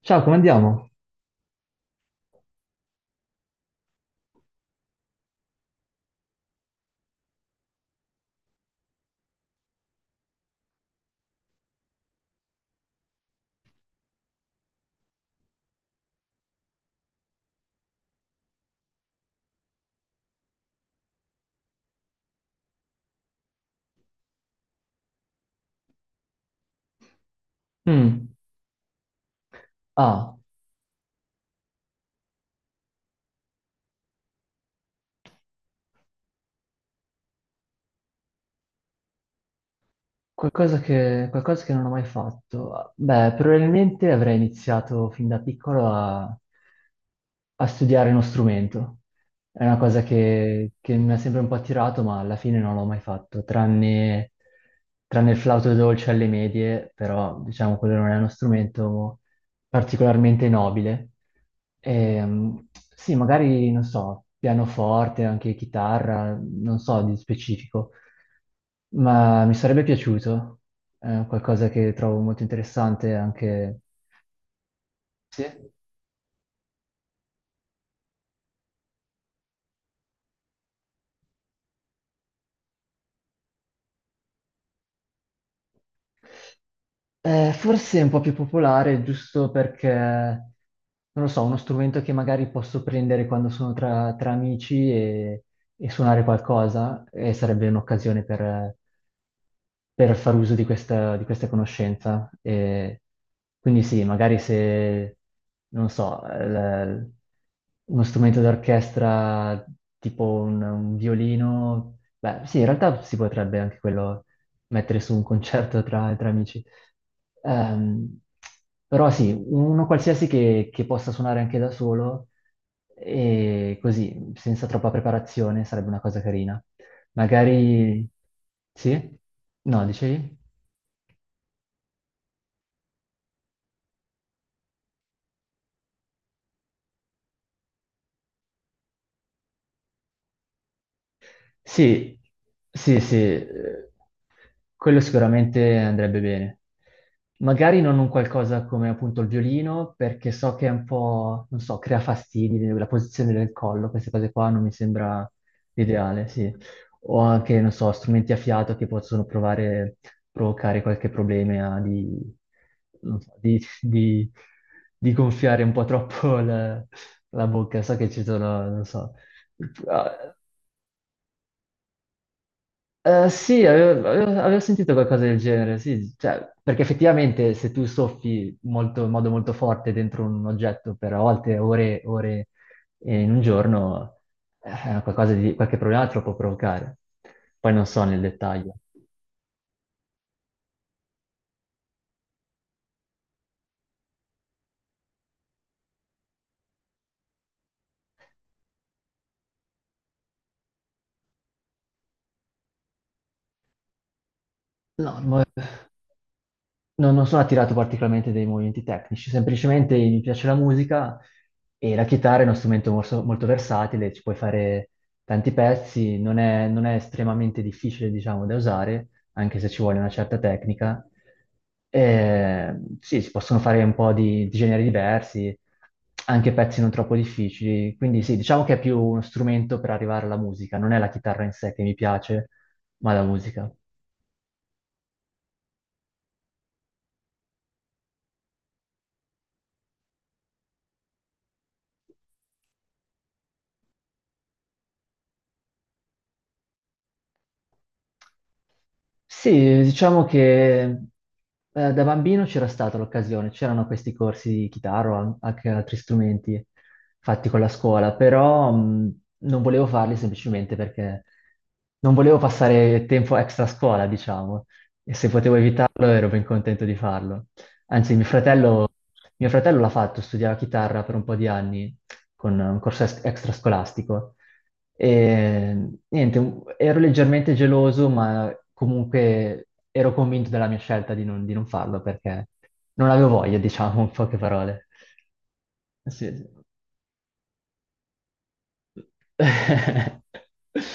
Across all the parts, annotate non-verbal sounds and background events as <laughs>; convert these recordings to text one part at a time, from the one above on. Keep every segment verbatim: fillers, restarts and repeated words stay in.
Ciao, come andiamo? Mm. Ah, qualcosa che, qualcosa che non ho mai fatto. Beh, probabilmente avrei iniziato fin da piccolo a, a studiare uno strumento. È una cosa che, che mi ha sempre un po' attirato, ma alla fine non l'ho mai fatto, tranne, tranne il flauto dolce alle medie, però diciamo quello non è uno strumento particolarmente nobile. Ehm, sì, magari, non so, pianoforte, anche chitarra, non so di specifico, ma mi sarebbe piaciuto. È qualcosa che trovo molto interessante anche. Sì? Eh, forse è un po' più popolare, giusto perché, non lo so, uno strumento che magari posso prendere quando sono tra, tra amici e, e suonare qualcosa, e sarebbe un'occasione per, per far uso di questa, di questa conoscenza. E quindi sì, magari se, non so, l- uno strumento d'orchestra tipo un, un violino, beh sì, in realtà si potrebbe anche quello mettere su un concerto tra, tra amici. Ehm, Però sì, uno qualsiasi che, che possa suonare anche da solo e così, senza troppa preparazione, sarebbe una cosa carina. Magari. Sì? No, dicevi? Sì, sì, sì, eh, quello sicuramente andrebbe bene. Magari non un qualcosa come appunto il violino, perché so che è un po', non so, crea fastidi, la posizione del collo, queste cose qua non mi sembra l'ideale, sì. O anche, non so, strumenti a fiato che possono provare, provocare qualche problema di, non so, di, di- di gonfiare un po' troppo la, la bocca. So che ci sono, non so. Eh, sì, avevo, avevo- avevo sentito qualcosa del genere, sì, cioè, perché effettivamente se tu soffi molto- in modo molto forte dentro un oggetto per a volte ore e ore, eh, in un giorno, eh, qualcosa di, qualche problema te lo può provocare. Poi non so nel dettaglio. No, mo- non, non sono attirato particolarmente dai movimenti tecnici, semplicemente mi piace la musica e la chitarra è uno strumento morso- molto, versatile, ci puoi fare tanti pezzi, non è, non è estremamente difficile, diciamo, da usare, anche se ci vuole una certa tecnica. Eh, sì, si possono fare un po' di, di generi diversi, anche pezzi non troppo difficili, quindi sì, diciamo che è più uno strumento per arrivare alla musica, non è la chitarra in sé che mi piace, ma la musica. Sì, diciamo che eh, da bambino c'era stata l'occasione, c'erano questi corsi di chitarra o an- anche altri strumenti fatti con la scuola, però mh, non volevo farli semplicemente perché non volevo passare tempo extra a scuola, diciamo, e se potevo evitarlo ero ben contento di farlo. Anzi, mio fratello, mio fratello l'ha fatto, studiava chitarra per un po' di anni con un corso es- extrascolastico e niente, un- ero leggermente geloso, ma comunque ero convinto della mia scelta di non, di non farlo perché non avevo voglia, diciamo, <laughs> in poche parole. Sì. <laughs>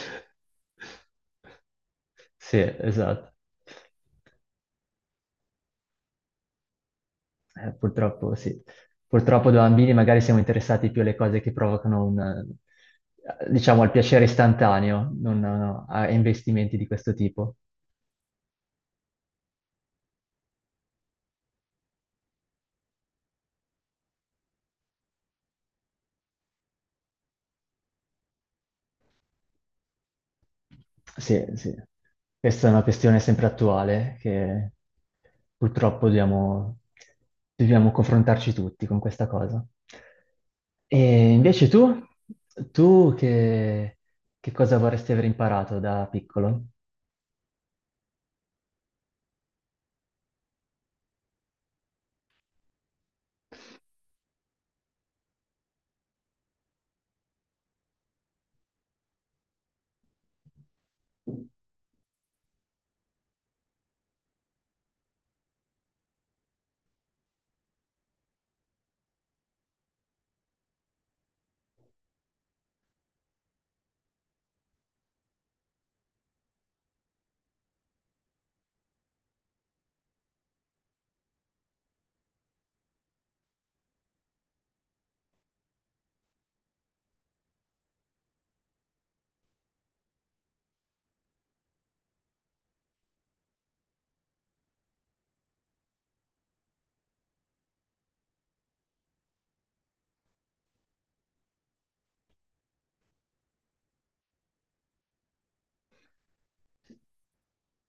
Sì, esatto. Eh, purtroppo sì. Purtroppo da bambini magari siamo interessati più alle cose che provocano un, eh, diciamo, il piacere istantaneo, non a a investimenti di questo tipo. Sì, sì. Questa è una questione sempre attuale che purtroppo dobbiamo, dobbiamo confrontarci tutti con questa cosa. E invece tu, tu che, che, cosa vorresti aver imparato da piccolo?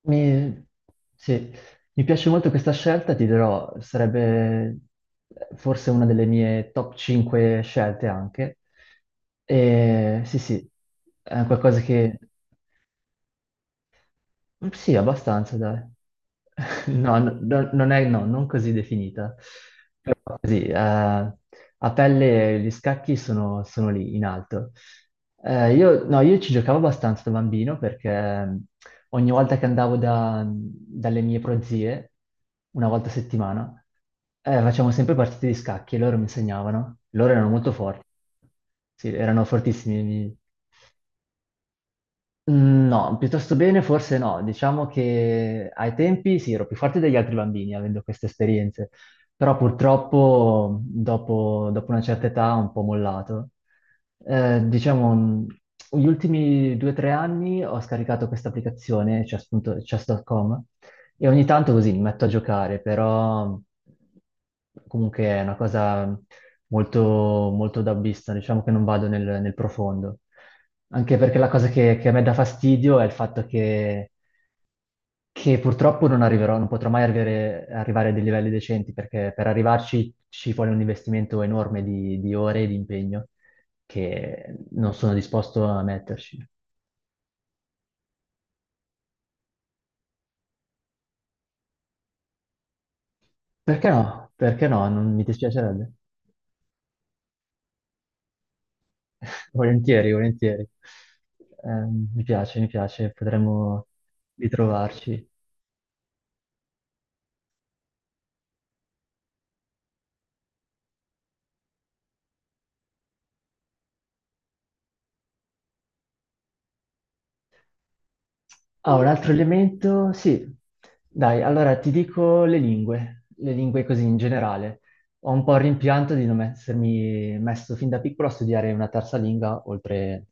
Mi, sì, mi piace molto questa scelta, ti dirò, sarebbe forse una delle mie top cinque scelte anche. E, sì, sì, è qualcosa che. Sì, abbastanza, dai. <laughs> No, no, no, non è, no, non così definita. Sì, eh, a pelle gli scacchi sono, sono lì in alto. Eh, io, no, io ci giocavo abbastanza da bambino perché mm, ogni volta che andavo da- mm, dalle mie prozie, una volta a settimana, eh, facevamo sempre partite di scacchi e loro mi insegnavano. Loro erano molto forti, sì, erano fortissimi. Mm, No, piuttosto bene, forse no. Diciamo che ai tempi sì, ero più forte degli altri bambini avendo queste esperienze, però purtroppo dopo, dopo una certa età ho un po' mollato. Eh, diciamo, mm, gli ultimi due o tre anni ho scaricato questa applicazione, chess punto com, e ogni tanto così mi metto a giocare, però comunque è una cosa molto, molto dabbista, diciamo che non vado nel, nel profondo. Anche perché la cosa che, che a me dà fastidio è il fatto che, che purtroppo non arriverò, non potrò mai arrivare, arrivare a dei livelli decenti, perché per arrivarci ci vuole un investimento enorme di, di ore e di impegno che non sono disposto a metterci. Perché no? Perché no? Non mi dispiacerebbe. <laughs> Volentieri, volentieri. Ehm, mi piace, mi piace, potremmo ritrovarci. Ah, un altro elemento? Sì. Dai, allora ti dico le lingue, le lingue così in generale. Ho un po' il rimpianto di non essermi messo fin da piccolo a studiare una terza lingua, oltre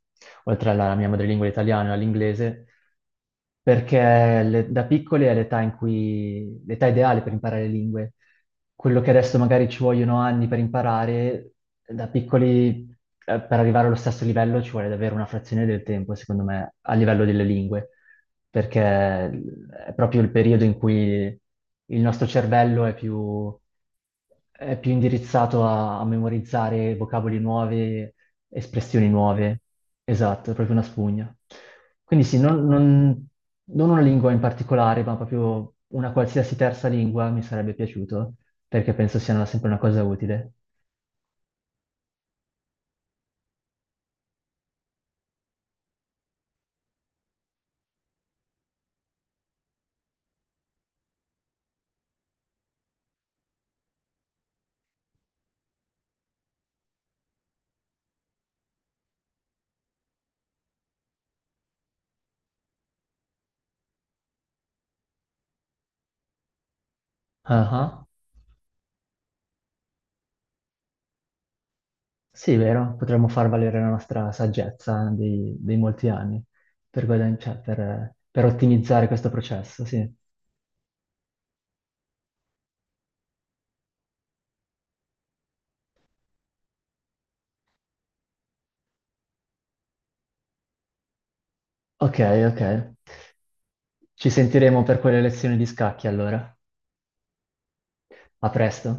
oltre alla mia madrelingua italiana e all'inglese, perché le- da piccoli è l'età in cui, l'età ideale per imparare le lingue. Quello che adesso magari ci vogliono anni per imparare, da piccoli, eh, per arrivare allo stesso livello ci vuole davvero una frazione del tempo, secondo me, a livello delle lingue, perché è proprio il periodo in cui il nostro cervello è più è più indirizzato a, a memorizzare vocaboli nuove, espressioni nuove. Esatto, è proprio una spugna. Quindi sì, non, non- non una lingua in particolare, ma proprio una qualsiasi terza lingua mi sarebbe piaciuto, perché penso sia una- sempre una cosa utile. Ah, sì, vero, potremmo far valere la nostra saggezza dei, dei molti anni per, guadagn- cioè, per per ottimizzare questo processo, sì. Ok, ok. Ci sentiremo per quelle lezioni di scacchi allora. A presto.